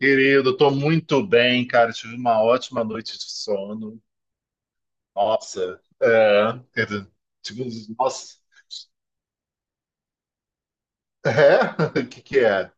Querido, tô muito bem, cara. Tive uma ótima noite de sono. Nossa, é. Quer dizer, tipo, nossa, é? O que que é?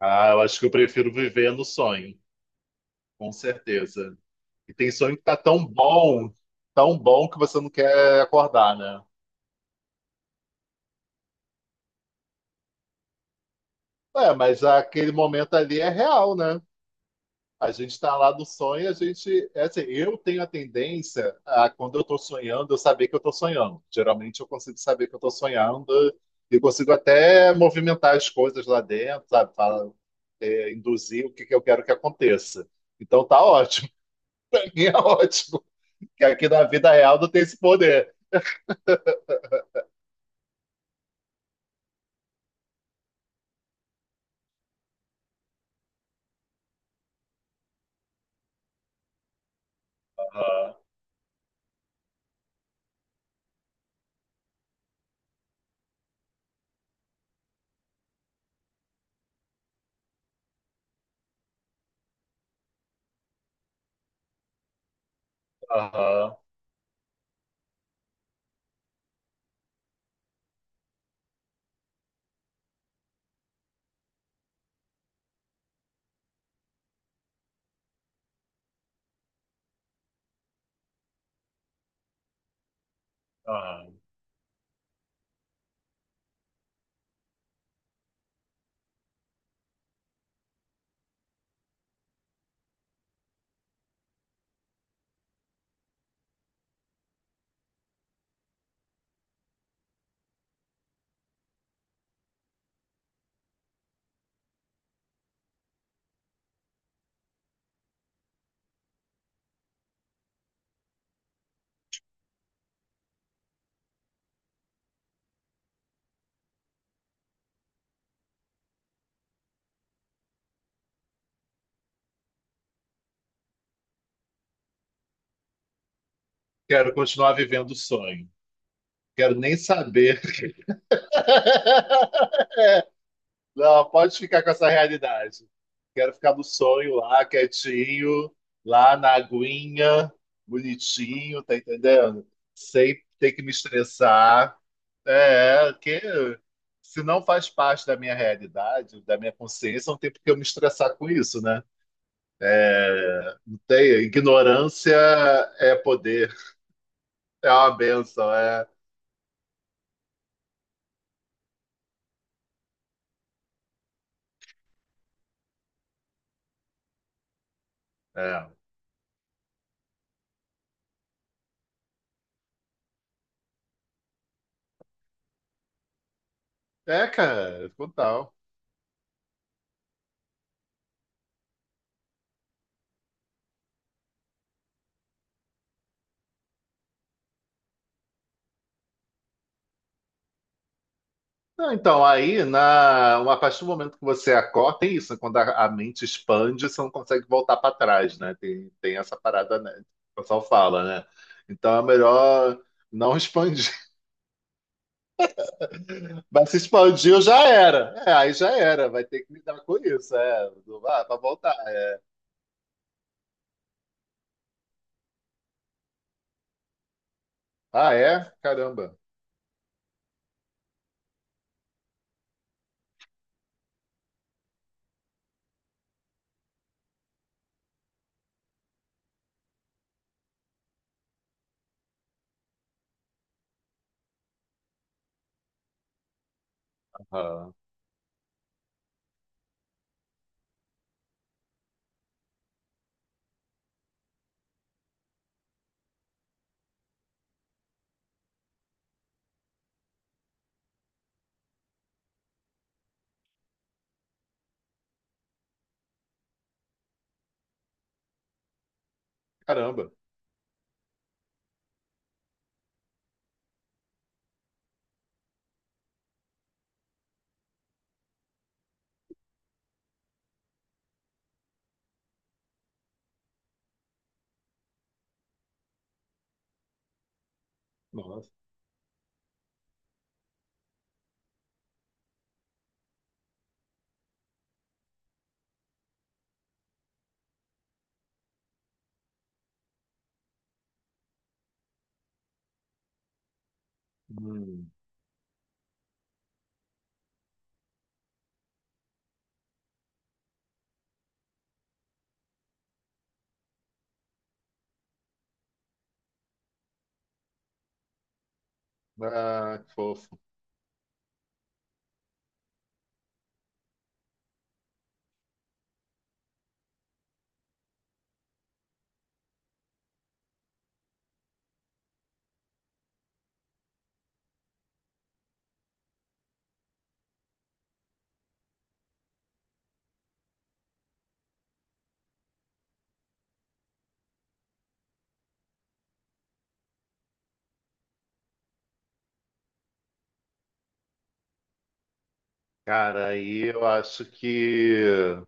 Ah, eu acho que eu prefiro viver no sonho, com certeza. E tem sonho que tá tão bom que você não quer acordar, né? É, mas aquele momento ali é real, né? A gente está lá do sonho, a gente. É assim, eu tenho a tendência a, quando eu estou sonhando, eu saber que eu estou sonhando. Geralmente eu consigo saber que eu estou sonhando e consigo até movimentar as coisas lá dentro, sabe? Fala- é, induzir o que, que eu quero que aconteça. Então tá ótimo, pra mim é ótimo. Que aqui na vida real não tem esse poder. Aham, aham, aham. Quero continuar vivendo o sonho. Quero nem saber. Não, pode ficar com essa realidade. Quero ficar no sonho lá, quietinho, lá na aguinha, bonitinho, tá entendendo? Sem ter que me estressar. É, que se não faz parte da minha realidade, da minha consciência, não tem por que eu me estressar com isso, né? É, não tem, ignorância é poder, é uma benção, é, é. É, cara, total. Não, então, aí, na, a partir do momento que você acorda, tem isso, né? Quando a mente expande, você não consegue voltar para trás, né? Tem, tem essa parada, né? O pessoal fala, né? Então é melhor não expandir. Mas se expandiu, já era. É, aí já era, vai ter que lidar com isso. É, ah, para voltar. É. Ah, é? Caramba. Ah, caramba. Nossa. Hum. Ah, que fofo. Cara, aí eu acho que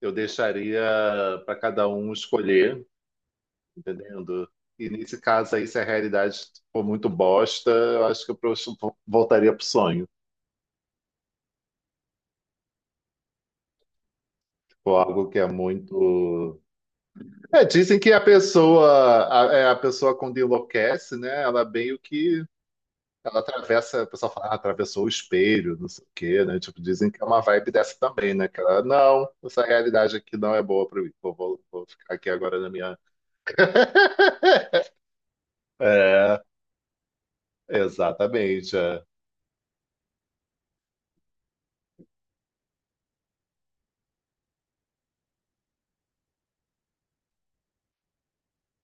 eu deixaria para cada um escolher, entendendo? E nesse caso aí, se a realidade for muito bosta, eu acho que eu prosto- voltaria pro sonho. Ou algo que é muito. É, dizem que a pessoa, a, é, a pessoa quando enlouquece, né? Ela meio que. Ela atravessa, o pessoal fala, ah, atravessou o espelho, não sei o quê, né? Tipo, dizem que é uma vibe dessa também, né? Que ela, não, essa realidade aqui não é boa pra mim. Vou ficar aqui agora na minha. É, exatamente. É.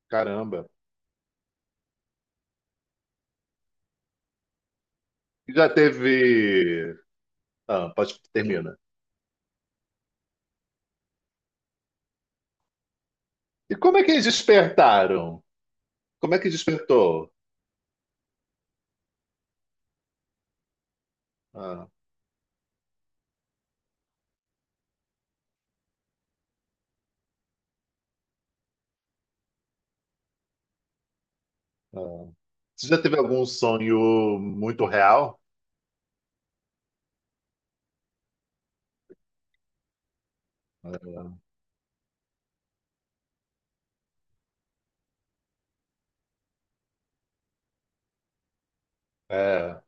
Caramba. Já teve. Ah, pode termina. E como é que eles despertaram? Como é que despertou? Ah, ah. Você já teve algum sonho muito real? É, é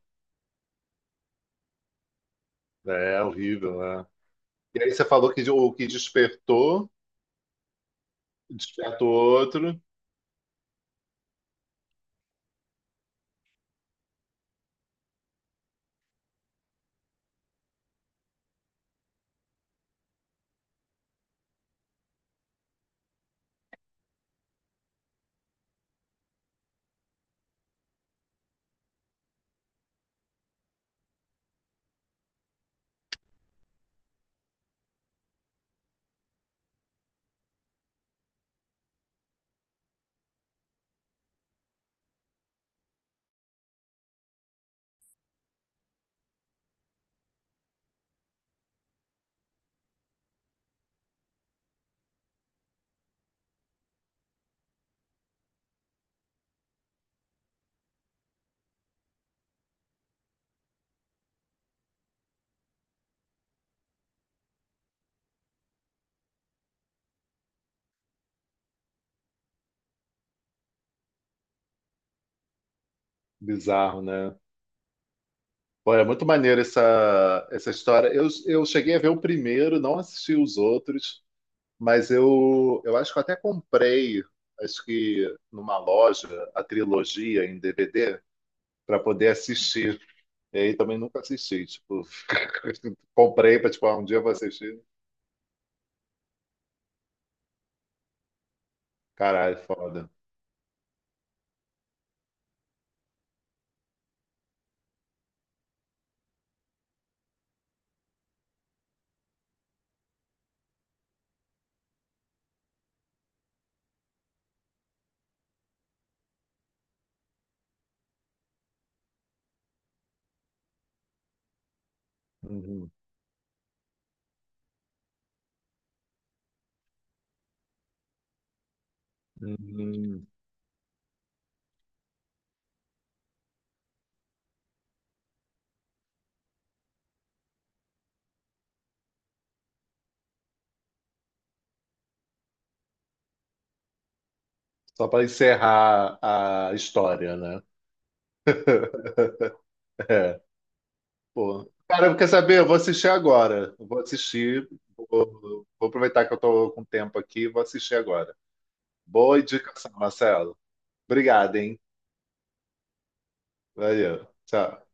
é, é horrível, né? E aí você falou que o que despertou, desperta o outro. Bizarro, né? Pô, é muito maneiro essa, essa história. Eu cheguei a ver o primeiro, não assisti os outros, mas eu acho que eu até comprei, acho que numa loja, a trilogia em DVD. Para poder assistir. E aí também nunca assisti, tipo, comprei para tipo, ah, um dia eu vou assistir. Caralho, foda. Uhum. Uhum. Só para encerrar a história, né? É. Pô. Cara, quer saber? Eu vou assistir agora. Eu vou assistir. Vou aproveitar que eu tô com tempo aqui e vou assistir agora. Boa indicação, Marcelo. Obrigado, hein? Valeu. Tchau.